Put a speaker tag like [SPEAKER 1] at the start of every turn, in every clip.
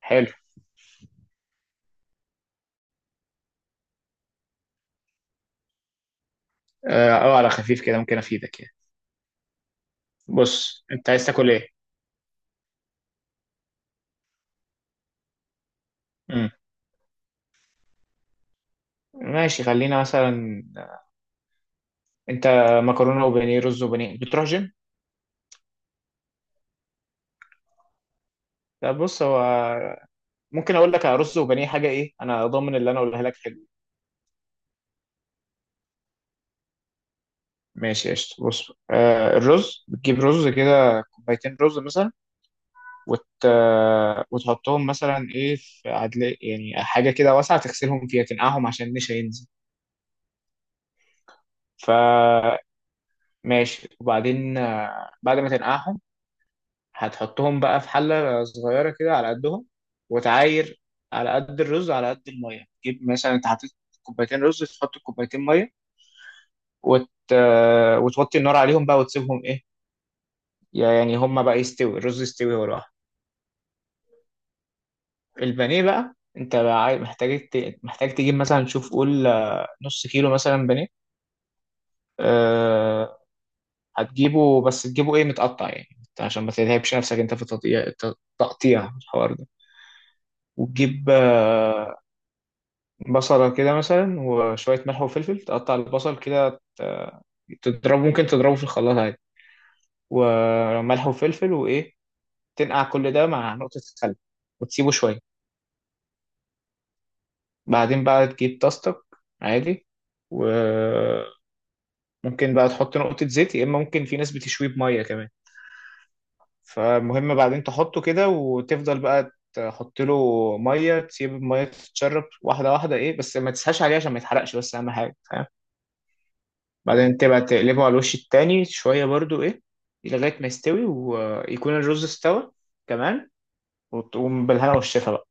[SPEAKER 1] حلو. اه، أو على خفيف كده، ممكن افيدك يعني. بص انت عايز تاكل ايه؟ امم ماشي خلينا مثلا. انت مكرونه وبانيه، رز وبانيه، بتروح جيم؟ لا بص، هو ممكن اقول لك على رز وبانيه. حاجه ايه، انا ضامن اللي انا اقولها لك حلو. ماشي قشطه. بص، الرز بتجيب رز كده، كوبايتين رز مثلا، وت... آه، وتحطهم مثلا، ايه، في عدل يعني، حاجه كده واسعه، تغسلهم فيها، تنقعهم عشان النشا ينزل، فماشي. وبعدين بعد ما تنقعهم هتحطهم بقى في حلة صغيرة كده على قدهم، وتعاير على قد الرز على قد المية. تجيب مثلا انت حطيت كوبايتين رز، تحط كوبايتين مية، وت... وتوطي النار عليهم بقى، وتسيبهم ايه يعني، هما بقى يستوي الرز، يستوي هو لوحده. البانيه بقى، انت بقى محتاج تجيب مثلا، شوف قول، نص كيلو مثلا بانيه. أه... هتجيبه، بس تجيبه ايه، متقطع يعني، عشان ما تتعبش نفسك انت في التقطيع، التقطيع الحوار ده. وتجيب بصلة كده مثلا، وشوية ملح وفلفل، تقطع البصل كده، تضربه، ممكن تضربه في الخلاط عادي، وملح وفلفل وإيه، تنقع كل ده مع نقطة خل، وتسيبه شوية. بعدين بقى تجيب طاستك عادي، وممكن بقى تحط نقطة زيت، يا إما ممكن، في ناس بتشويه بمية كمان. فالمهم بعدين تحطه كده، وتفضل بقى تحط له مية، تسيب المية تتشرب واحدة واحدة، إيه، بس ما تسهاش عليه عشان ما يتحرقش، بس أهم حاجة. بعدين تبقى تقلبه على الوش التاني شوية برضو، ايه لغاية ما يستوي ويكون الرز استوى كمان، وتقوم بالهنا والشفا بقى.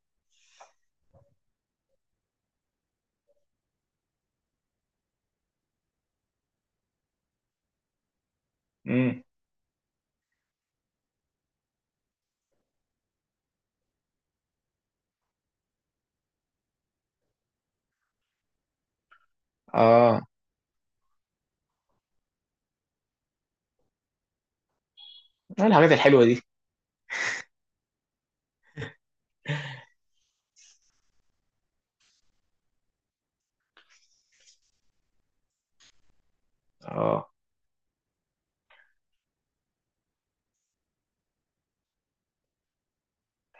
[SPEAKER 1] امم اه، إيه الحاجات الحلوة دي؟ اه،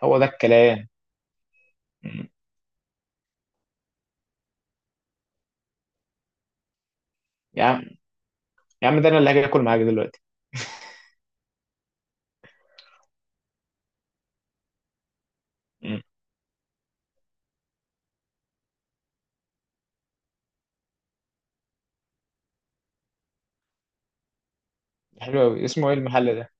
[SPEAKER 1] هو ده الكلام. مم. يا عم، يا عم، ده انا اللي هاجي اكل معاك دلوقتي. امم حلو قوي، اسمه ايه المحل ده؟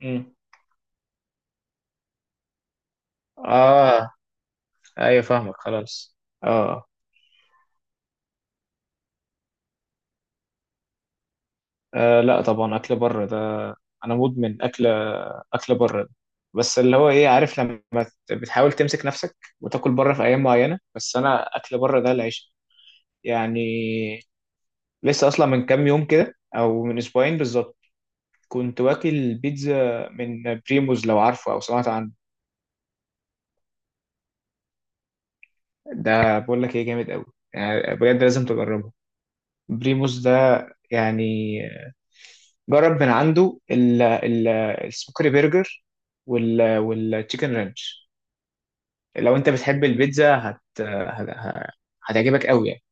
[SPEAKER 1] امم اه، ايوه، فاهمك خلاص. اه، آه، لا طبعا، اكل بره ده. انا مدمن اكل، اكل بره ده. بس اللي هو ايه، عارف لما بتحاول تمسك نفسك، وتاكل بره في ايام معينه، بس انا اكل بره ده العيش يعني. لسه اصلا من كام يوم كده، او من اسبوعين بالظبط، كنت واكل بيتزا من بريموز، لو عارفه او سمعت عنه. ده بقول لك ايه، جامد قوي يعني، بجد لازم تجربه. بريموس ده يعني، جرب من عنده السموكري برجر والتشيكن رانش. لو انت بتحب البيتزا هت... ه- هتعجبك قوي يعني.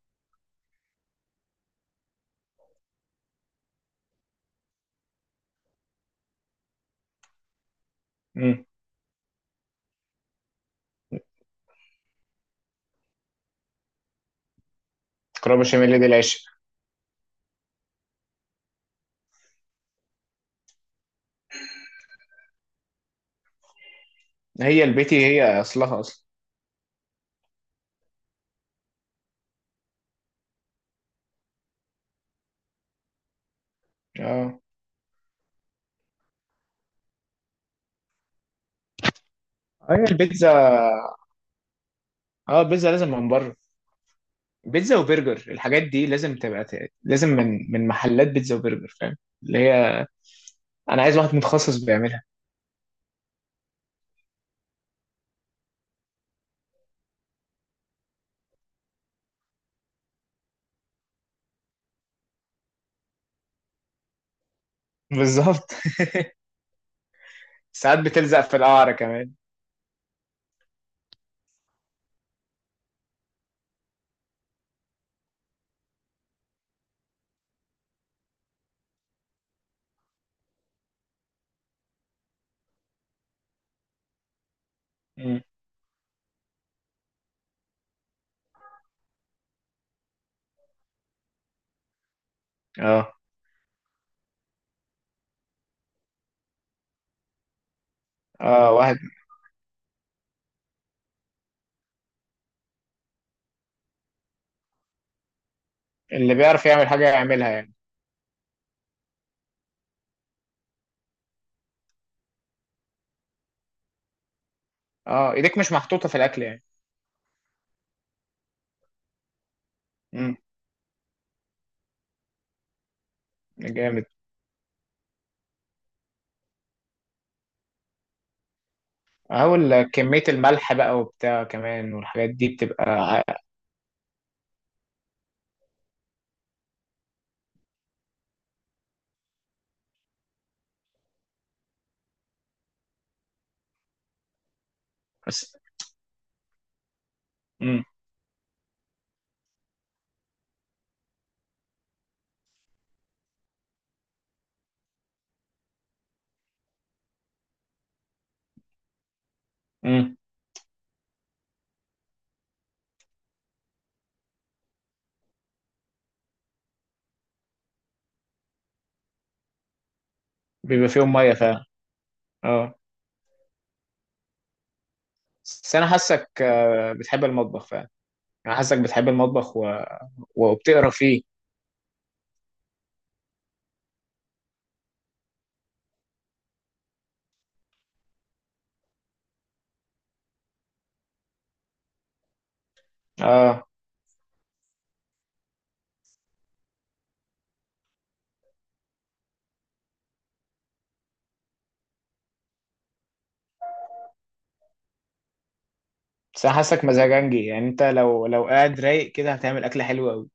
[SPEAKER 1] امم كرابة الشمالية دي العشق. هي البيتي، هي اصلها اصلا. اه، هي البيتزا. اه، البيتزا لازم من بره. بيتزا وبرجر، الحاجات دي لازم تبقى، لازم من محلات بيتزا وبرجر، فاهم؟ اللي هي، انا عايز واحد متخصص بيعملها. بالظبط. ساعات بتلزق في القعر كمان. اه. اه، واحد اللي بيعرف يعمل حاجة يعملها يعني. اه، ايديك مش محطوطة في الاكل يعني. امم جامد. اهو كمية الملح بقى، وبتاع كمان، والحاجات دي بتبقى بس. امم امم بيبقى فيهم مية فعلا. اه، بس انا حاسك، بتحب المطبخ فعلا. انا حاسك بتحب المطبخ وبتقرا فيه. اه، بس انا حاسك مزاجنجي يعني، انت لو قاعد رايق كده، هتعمل اكل حلو قوي.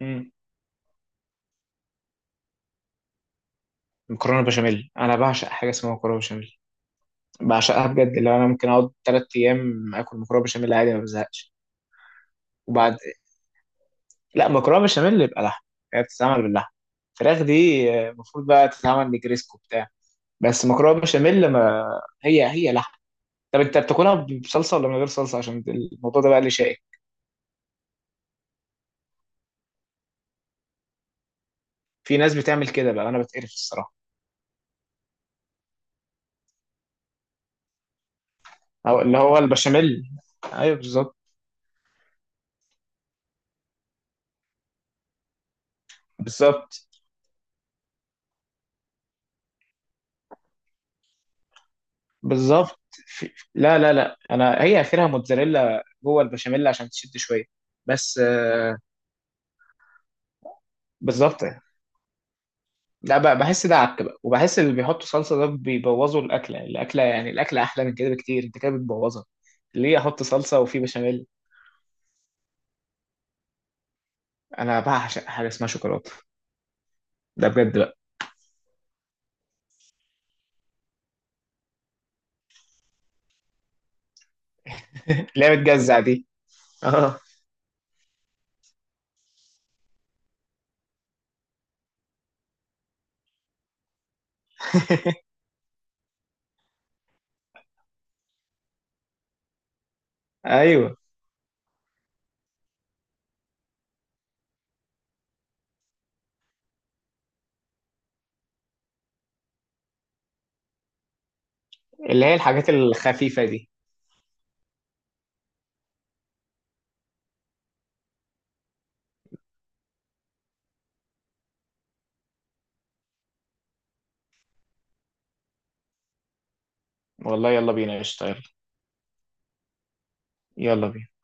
[SPEAKER 1] امم مكرونة بشاميل، انا بعشق حاجة اسمها مكرونة بشاميل، بعشقها بجد. اللي هو انا ممكن اقعد 3 ايام اكل مكرونه بشاميل عادي ما بزهقش. وبعد، لا، مكرونه بشاميل يبقى لحمه، هي بتتعمل باللحمه. الفراخ دي المفروض بقى تتعمل نجريسكو بتاع. بس مكرونه بشاميل، ما هي هي لحمه. طب انت بتاكلها بصلصه ولا من غير صلصه؟ عشان الموضوع ده بقى اللي شائك. في ناس بتعمل كده بقى، انا بتقرف الصراحه. أو اللي هو البشاميل. ايوه بالظبط. بالظبط. بالظبط. لا، لا، لا، انا هي اخرها موتزاريلا جوه البشاميل عشان تشد شويه. بس بالظبط. لا بقى، بحس ده عك بقى، وبحس اللي بيحطوا صلصه ده بيبوظوا الاكله. الاكله يعني الاكله احلى من كده بكتير، انت كده بتبوظها. ليه احط صلصه وفي بشاميل؟ انا بعشق حاجه اسمها شوكولاته، ده بجد بقى. اللي هي بتجزع دي. اه. ايوه، اللي هي الحاجات الخفيفه دي. والله يلا بينا، قشطه، يلا. يلا بينا.